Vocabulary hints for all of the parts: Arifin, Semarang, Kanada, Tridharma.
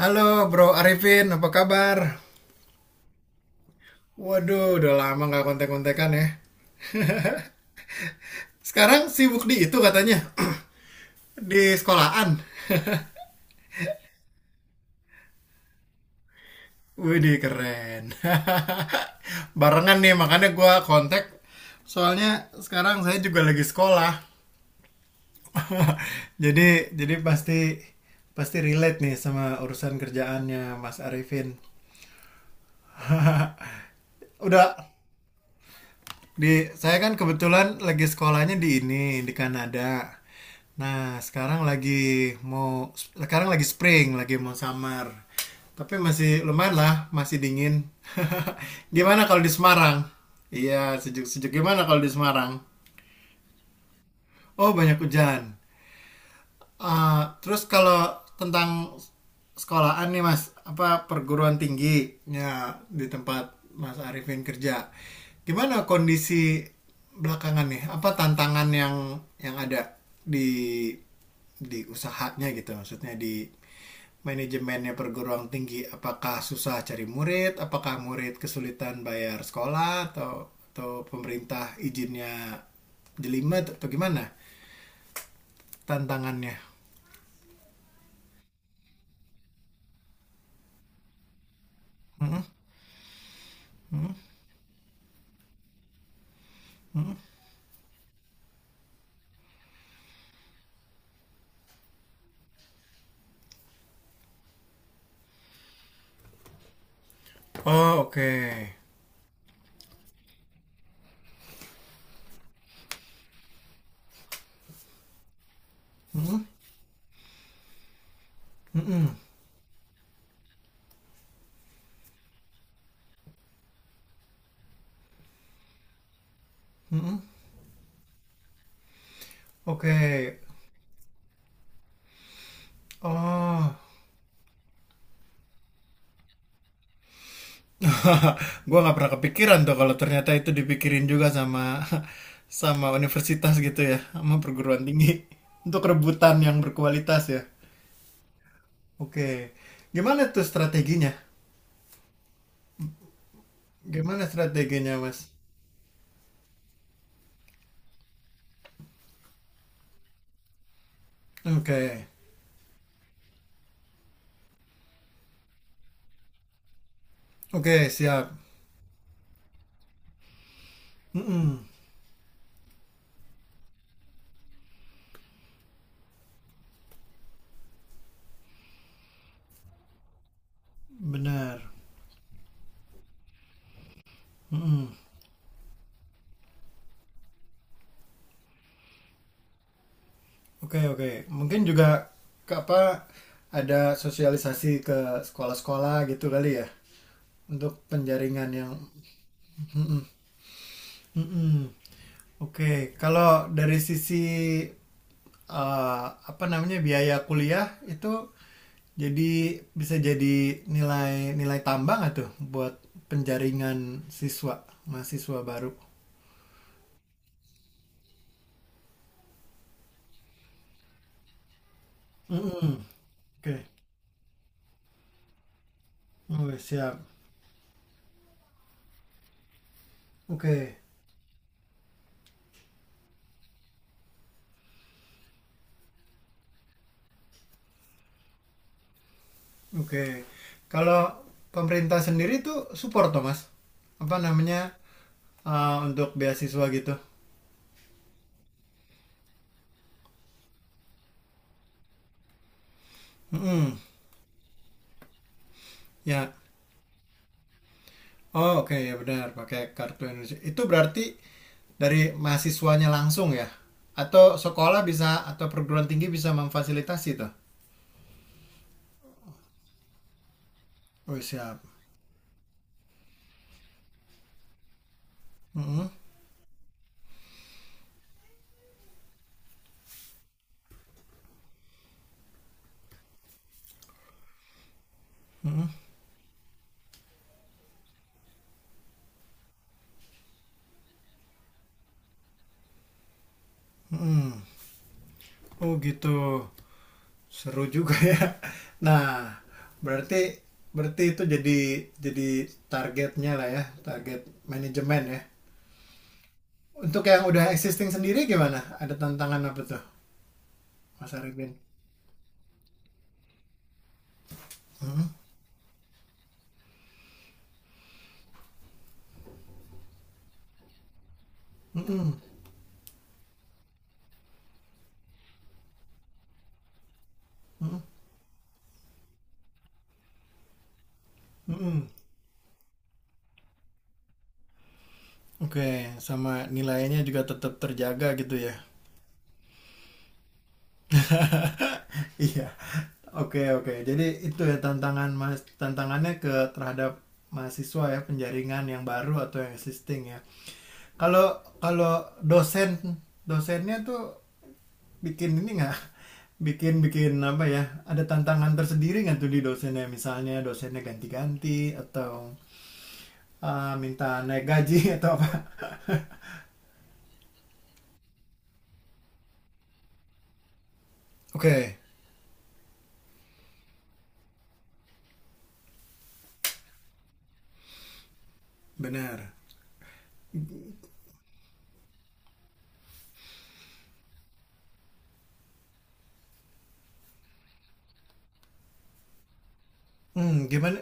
Halo Bro Arifin, apa kabar? Waduh, udah lama nggak kontek-kontekan ya. Sekarang sibuk di itu katanya, di sekolahan. Widih, keren. Barengan nih, makanya gue kontak. Soalnya sekarang saya juga lagi sekolah. Jadi pasti pasti relate nih sama urusan kerjaannya Mas Arifin. Udah. Di saya kan kebetulan lagi sekolahnya di ini di Kanada. Nah, sekarang lagi mau sekarang lagi spring, lagi mau summer. Tapi masih lumayan lah, masih dingin. Gimana kalau di Semarang? Iya, sejuk-sejuk. Gimana kalau di Semarang? Oh, banyak hujan. Ah, terus kalau tentang sekolahan nih Mas, apa perguruan tingginya di tempat Mas Arifin kerja. Gimana kondisi belakangan nih? Apa tantangan yang ada di di usahanya gitu, maksudnya di manajemennya perguruan tinggi, apakah susah cari murid, apakah murid kesulitan bayar sekolah, atau pemerintah izinnya jelimet atau gimana tantangannya. Oh, oke. Hmm. Oke. Oh. Gua nggak pernah kepikiran tuh kalau ternyata itu dipikirin juga sama sama universitas gitu ya, sama perguruan tinggi untuk rebutan yang berkualitas ya. Oke. Gimana tuh strateginya? Gimana strateginya, Mas? Oke. Oke, siap. Mm-mm, benar. Mm. Oke, oke. Mungkin juga ke apa ada sosialisasi ke sekolah-sekolah gitu kali ya. Untuk penjaringan yang mm-mm. Mm-mm. Oke, kalau dari sisi eh, apa namanya biaya kuliah itu, jadi bisa jadi nilai nilai tambah nggak tuh buat penjaringan siswa mahasiswa baru? Mm-mm. Oke. Oke, siap. Oke, oke. Kalau pemerintah sendiri tuh support tuh Mas, apa namanya, untuk beasiswa gitu. Mm-mm. Ya. Oh, oke, ya benar, pakai Kartu Indonesia. Itu berarti dari mahasiswanya langsung ya? Atau sekolah bisa atau perguruan tinggi bisa memfasilitasi tuh? Oh, siap. Mm-mm. Oh, gitu. Seru juga ya. Nah, berarti berarti itu jadi targetnya lah ya, target manajemen ya. Untuk yang udah existing sendiri gimana? Ada tantangan apa tuh, Mas Arifin? Mm-mm. Mm-mm. Mm-mm. Oke, sama nilainya juga tetap terjaga gitu ya. Iya. Oke, oke. Jadi itu ya tantangan Mas, tantangannya ke terhadap mahasiswa ya, penjaringan yang baru atau yang existing ya. Kalau kalau dosen dosennya tuh bikin ini nggak? Bikin bikin apa ya? Ada tantangan tersendiri nggak tuh di dosennya? Misalnya dosennya ganti-ganti atau ah, minta naik gaji atau apa? Oke, benar. Hmm, gimana.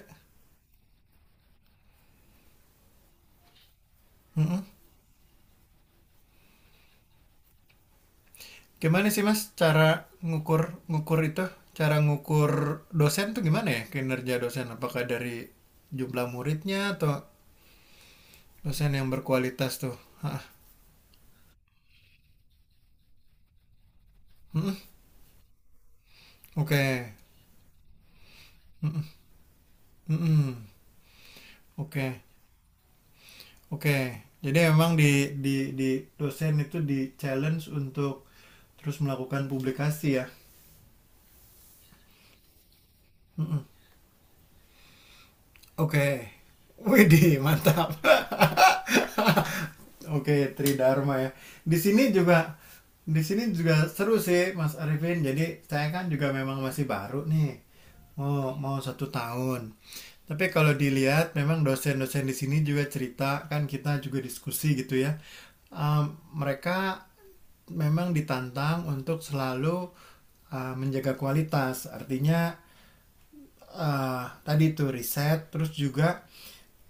Gimana sih Mas cara ngukur ngukur itu? Cara ngukur dosen tuh gimana ya, kinerja dosen? Apakah dari jumlah muridnya atau dosen yang berkualitas tuh? Hah. Mm-mm. Oke. Mm-mm. Oke. Oke. Jadi emang di di dosen itu di challenge untuk terus melakukan publikasi ya. Oke. Widih, mantap. Oke, Tridharma ya. Di sini juga di sini juga seru sih Mas Arifin. Jadi saya kan juga memang masih baru nih. Mau mau satu tahun. Tapi kalau dilihat memang dosen-dosen di sini juga cerita kan, kita juga diskusi gitu ya. Mereka memang ditantang untuk selalu menjaga kualitas. Artinya tadi itu riset, terus juga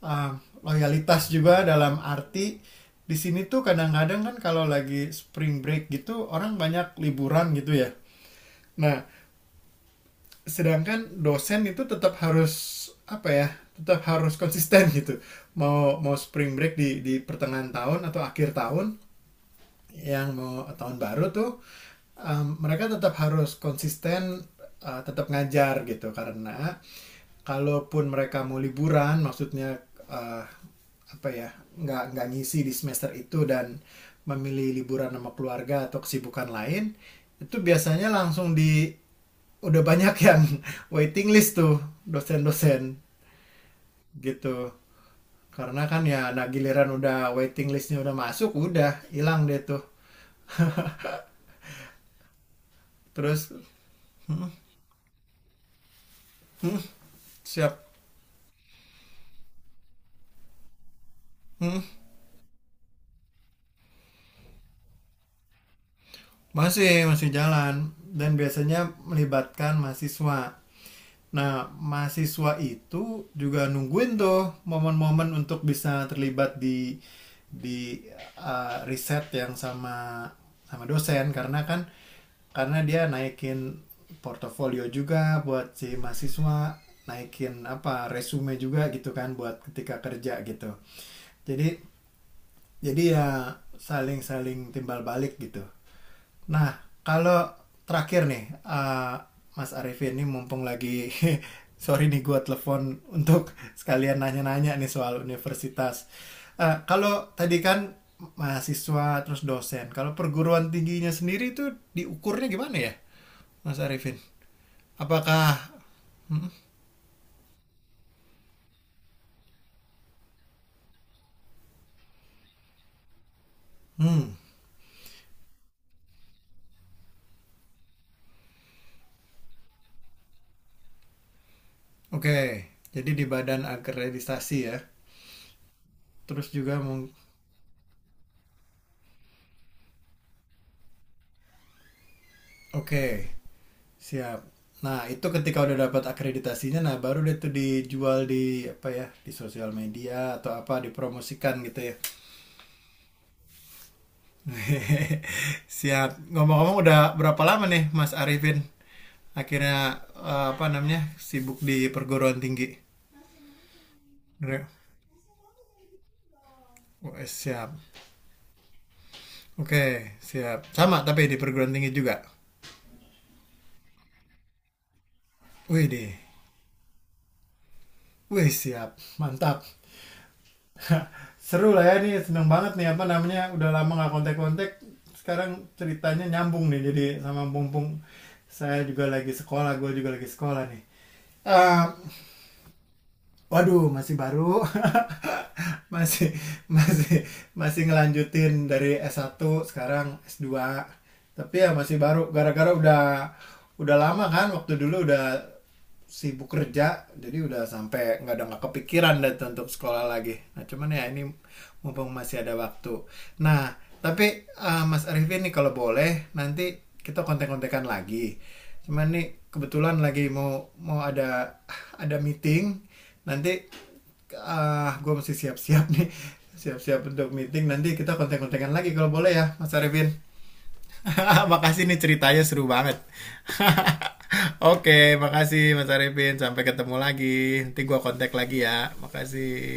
uh, loyalitas juga, dalam arti di sini tuh kadang-kadang kan kalau lagi spring break gitu orang banyak liburan gitu ya. Nah, sedangkan dosen itu tetap harus apa ya? Tetap harus konsisten gitu. Mau mau spring break di pertengahan tahun atau akhir tahun yang mau tahun baru tuh, mereka tetap harus konsisten, tetap ngajar gitu, karena kalaupun mereka mau liburan, maksudnya eh, apa ya, nggak ngisi di semester itu dan memilih liburan sama keluarga atau kesibukan lain, itu biasanya langsung di udah banyak yang waiting list tuh dosen-dosen gitu, karena kan ya nah giliran udah waiting listnya udah masuk udah hilang deh tuh. Terus siap. Hmm, masih masih jalan dan biasanya melibatkan mahasiswa. Nah, mahasiswa itu juga nungguin tuh momen-momen untuk bisa terlibat di riset yang sama sama dosen, karena kan karena dia naikin portofolio juga buat si mahasiswa, naikin apa resume juga gitu kan buat ketika kerja gitu. Jadi jadi ya saling-saling timbal balik gitu. Nah, kalau terakhir nih, eh, Mas Arifin ini mumpung lagi sorry nih gua telepon untuk sekalian nanya-nanya nih soal universitas. Eh, kalau tadi kan mahasiswa terus dosen, kalau perguruan tingginya sendiri itu diukurnya gimana ya, Mas Arifin? Apakah hmm oke, okay. Jadi di badan akreditasi ya, terus juga mung- oke, okay. Siap. Nah, itu ketika udah dapat akreditasinya, nah baru deh tuh dijual di apa ya, di sosial media atau apa dipromosikan gitu ya. Siap. Ngomong-ngomong udah berapa lama nih Mas Arifin akhirnya apa namanya sibuk di perguruan tinggi? Re- Wah, siap. Oke, siap. Sama tapi di perguruan tinggi juga. Wih deh. Wih, siap. Mantap. Seru lah ya nih, seneng banget nih apa namanya udah lama nggak kontak-kontak, sekarang ceritanya nyambung nih jadi sama mumpung saya juga lagi sekolah, gue juga lagi sekolah nih. Eh, waduh masih baru, masih masih masih ngelanjutin dari s satu sekarang s dua, tapi ya masih baru gara-gara udah lama kan, waktu dulu udah sibuk kerja jadi udah sampai nggak ada nggak kepikiran deh untuk sekolah lagi, nah cuman ya ini mumpung masih ada waktu. Nah, tapi Mas Arifin nih kalau boleh nanti kita kontek-kontekan lagi, cuman nih kebetulan lagi mau mau ada meeting nanti. Ah, gue mesti siap-siap nih, siap-siap untuk meeting, nanti kita konten kontekan lagi kalau boleh ya Mas Arifin. Makasih nih, ceritanya seru banget. Oke, makasih Mas Arifin. Sampai ketemu lagi. Nanti gua kontak lagi ya. Makasih.